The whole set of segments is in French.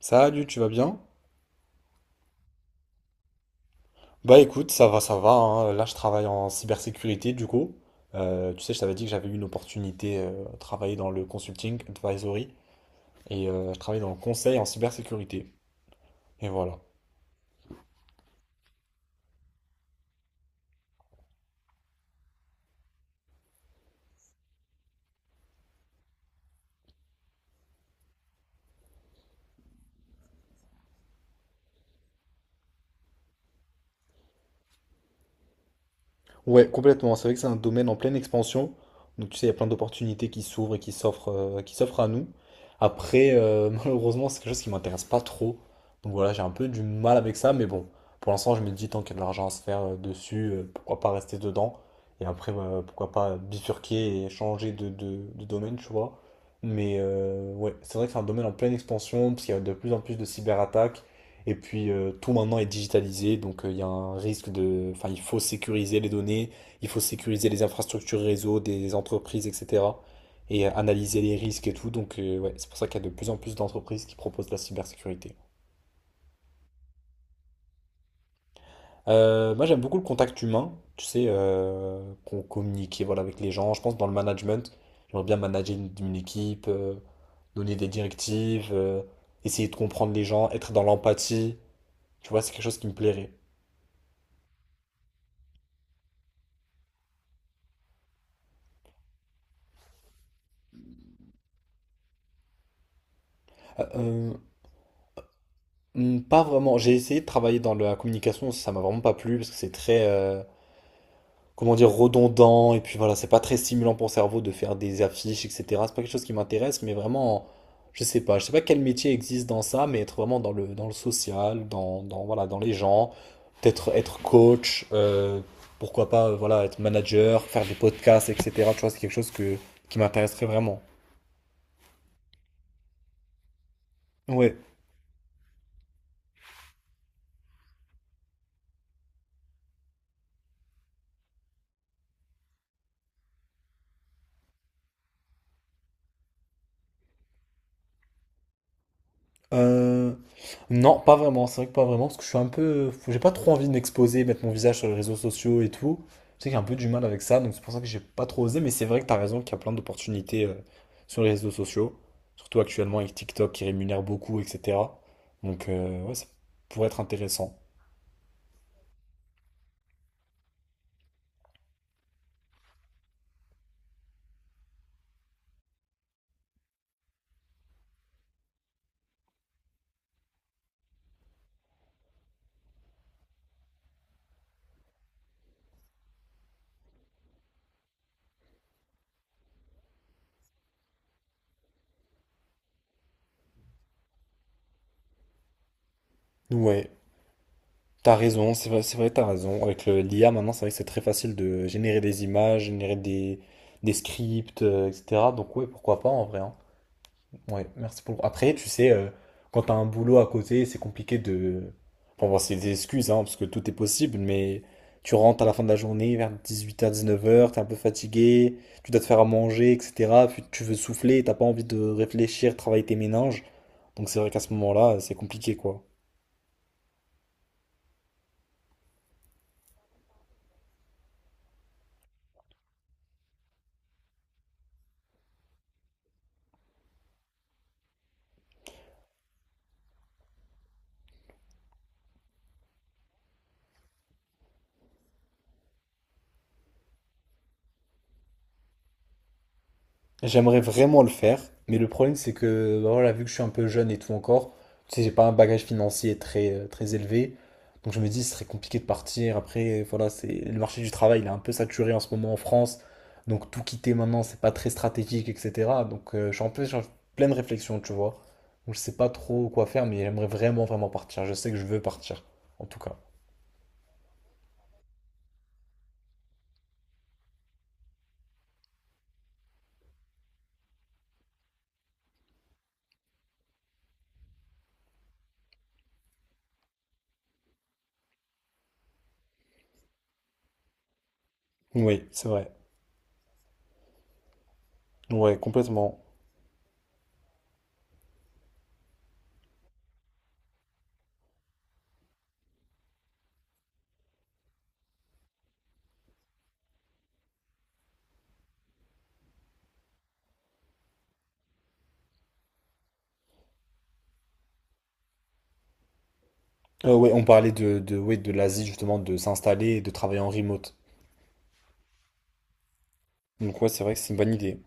Salut, tu vas bien? Bah écoute, ça va, ça va, hein. Là, je travaille en cybersécurité du coup. Tu sais, je t'avais dit que j'avais eu une opportunité à travailler dans le consulting advisory et je travaille dans le conseil en cybersécurité. Et voilà. Ouais, complètement. C'est vrai que c'est un domaine en pleine expansion. Donc, tu sais, il y a plein d'opportunités qui s'ouvrent et qui s'offrent à nous. Après, malheureusement, c'est quelque chose qui m'intéresse pas trop. Donc voilà, j'ai un peu du mal avec ça. Mais bon, pour l'instant, je me dis, tant qu'il y a de l'argent à se faire dessus, pourquoi pas rester dedans? Et après, bah, pourquoi pas bifurquer et changer de domaine, tu vois. Mais ouais, c'est vrai que c'est un domaine en pleine expansion, parce qu'il y a de plus en plus de cyberattaques. Et puis tout maintenant est digitalisé, donc il y a un risque de. Enfin, il faut sécuriser les données, il faut sécuriser les infrastructures réseau des entreprises, etc. Et analyser les risques et tout. Donc ouais, c'est pour ça qu'il y a de plus en plus d'entreprises qui proposent de la cybersécurité. Moi j'aime beaucoup le contact humain, tu sais, qu'on communique voilà, avec les gens. Je pense dans le management, j'aimerais bien manager une équipe, donner des directives, essayer de comprendre les gens, être dans l'empathie. Tu vois, c'est quelque chose qui me plairait. Euh, Pas vraiment. J'ai essayé de travailler dans la communication, ça m'a vraiment pas plu parce que c'est très, comment dire, redondant et puis voilà, c'est pas très stimulant pour le cerveau de faire des affiches, etc. C'est pas quelque chose qui m'intéresse, mais vraiment, je sais pas. Je sais pas quel métier existe dans ça, mais être vraiment dans le social, dans voilà, dans les gens, peut-être être coach, pourquoi pas, voilà, être manager, faire des podcasts, etc. Tu vois, c'est quelque chose qui m'intéresserait vraiment. Ouais. Euh, non, pas vraiment. C'est vrai que pas vraiment, parce que je suis un peu. J'ai pas trop envie de m'exposer, mettre mon visage sur les réseaux sociaux et tout. Je sais que j'ai un peu du mal avec ça, donc c'est pour ça que j'ai pas trop osé. Mais c'est vrai que t'as raison qu'il y a plein d'opportunités sur les réseaux sociaux, surtout actuellement avec TikTok qui rémunère beaucoup, etc. Donc ouais, ça pourrait être intéressant. Ouais, t'as raison. C'est vrai, t'as raison. Avec l'IA maintenant, c'est vrai que c'est très facile de générer des images, générer des scripts, etc. Donc ouais, pourquoi pas en vrai, hein. Ouais, merci pour le. Après, tu sais, quand t'as un boulot à côté, c'est compliqué de. Enfin, bon, c'est des excuses, hein, parce que tout est possible, mais tu rentres à la fin de la journée, vers 18 h, 19 h, t'es un peu fatigué, tu dois te faire à manger, etc. Puis tu veux souffler, t'as pas envie de réfléchir, travailler tes méninges. Donc c'est vrai qu'à ce moment-là, c'est compliqué, quoi. J'aimerais vraiment le faire, mais le problème c'est que bah voilà, vu que je suis un peu jeune et tout encore, tu sais, j'ai pas un bagage financier très, très élevé. Donc je me dis, ce serait compliqué de partir. Après, voilà, c'est le marché du travail, il est un peu saturé en ce moment en France. Donc tout quitter maintenant, c'est pas très stratégique, etc. Donc je suis en pleine réflexion, tu vois. Donc je sais pas trop quoi faire, mais j'aimerais vraiment, vraiment partir. Je sais que je veux partir, en tout cas. Oui, c'est vrai. Ouais, complètement. Ouais, on parlait ouais, de l'Asie, justement, de s'installer et de travailler en remote. Donc ouais, c'est vrai que c'est une bonne idée.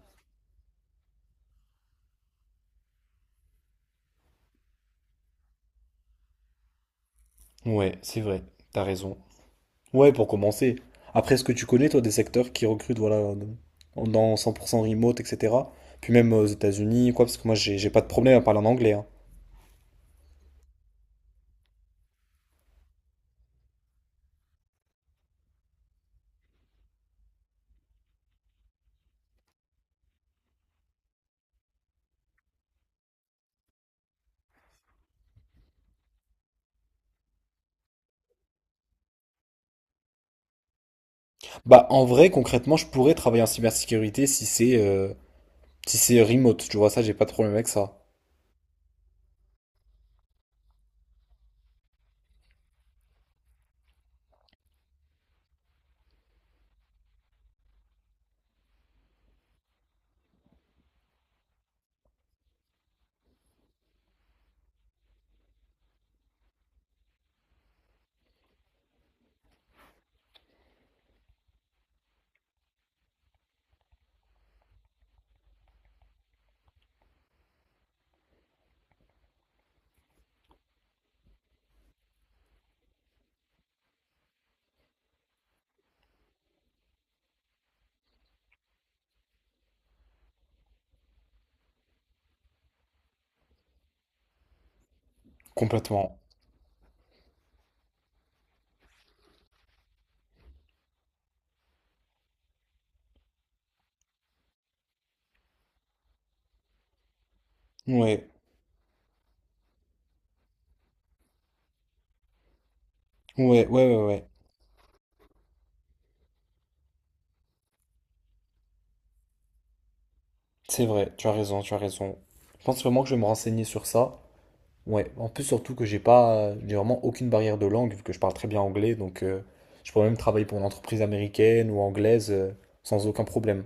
Ouais, c'est vrai, t'as raison. Ouais, pour commencer. Après, est-ce que tu connais, toi, des secteurs qui recrutent, voilà, dans 100% remote, etc. Puis même aux États-Unis, quoi, parce que moi, j'ai pas de problème à parler en anglais, hein. Bah, en vrai, concrètement, je pourrais travailler en cybersécurité si c'est remote, tu vois, ça, j'ai pas de problème avec ça. Complètement. Ouais, ouais, ouais, ouais, ouais. C'est vrai, tu as raison, tu as raison. Je pense vraiment que je vais me renseigner sur ça. Ouais, en plus surtout que j'ai pas, j'ai vraiment aucune barrière de langue vu que je parle très bien anglais, donc je pourrais même travailler pour une entreprise américaine ou anglaise sans aucun problème.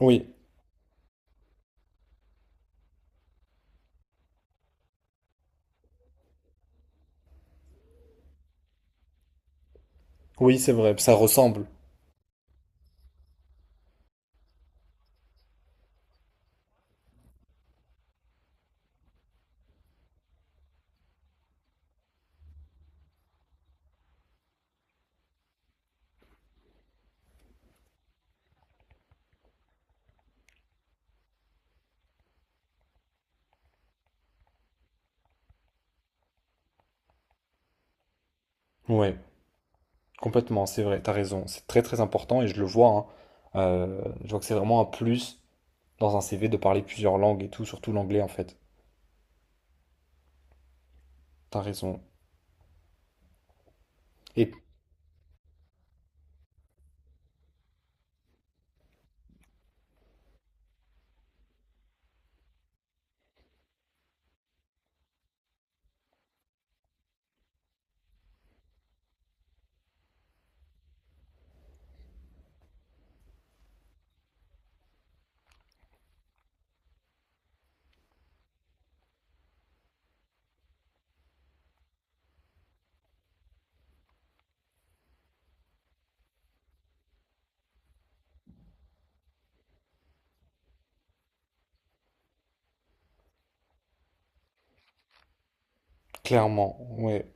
Oui, oui, c'est vrai, ça ressemble. Ouais, complètement, c'est vrai, t'as raison, c'est très très important et je le vois, hein. Je vois que c'est vraiment un plus dans un CV de parler plusieurs langues et tout, surtout l'anglais en fait. T'as raison. Et clairement, ouais,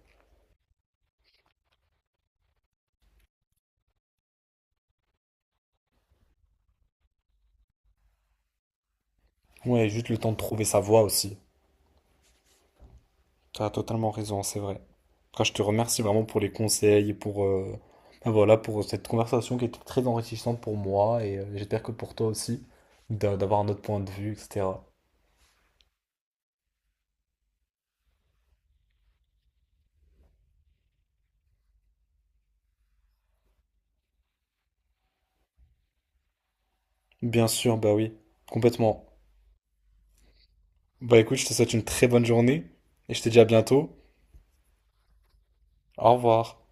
ouais, juste le temps de trouver sa voie aussi. Tu as totalement raison, c'est vrai. En tout cas, je te remercie vraiment pour les conseils et pour, ben voilà, pour cette conversation qui était très enrichissante pour moi et j'espère que pour toi aussi, d'avoir un autre point de vue, etc. Bien sûr, bah oui, complètement. Bah écoute, je te souhaite une très bonne journée et je te dis à bientôt. Au revoir.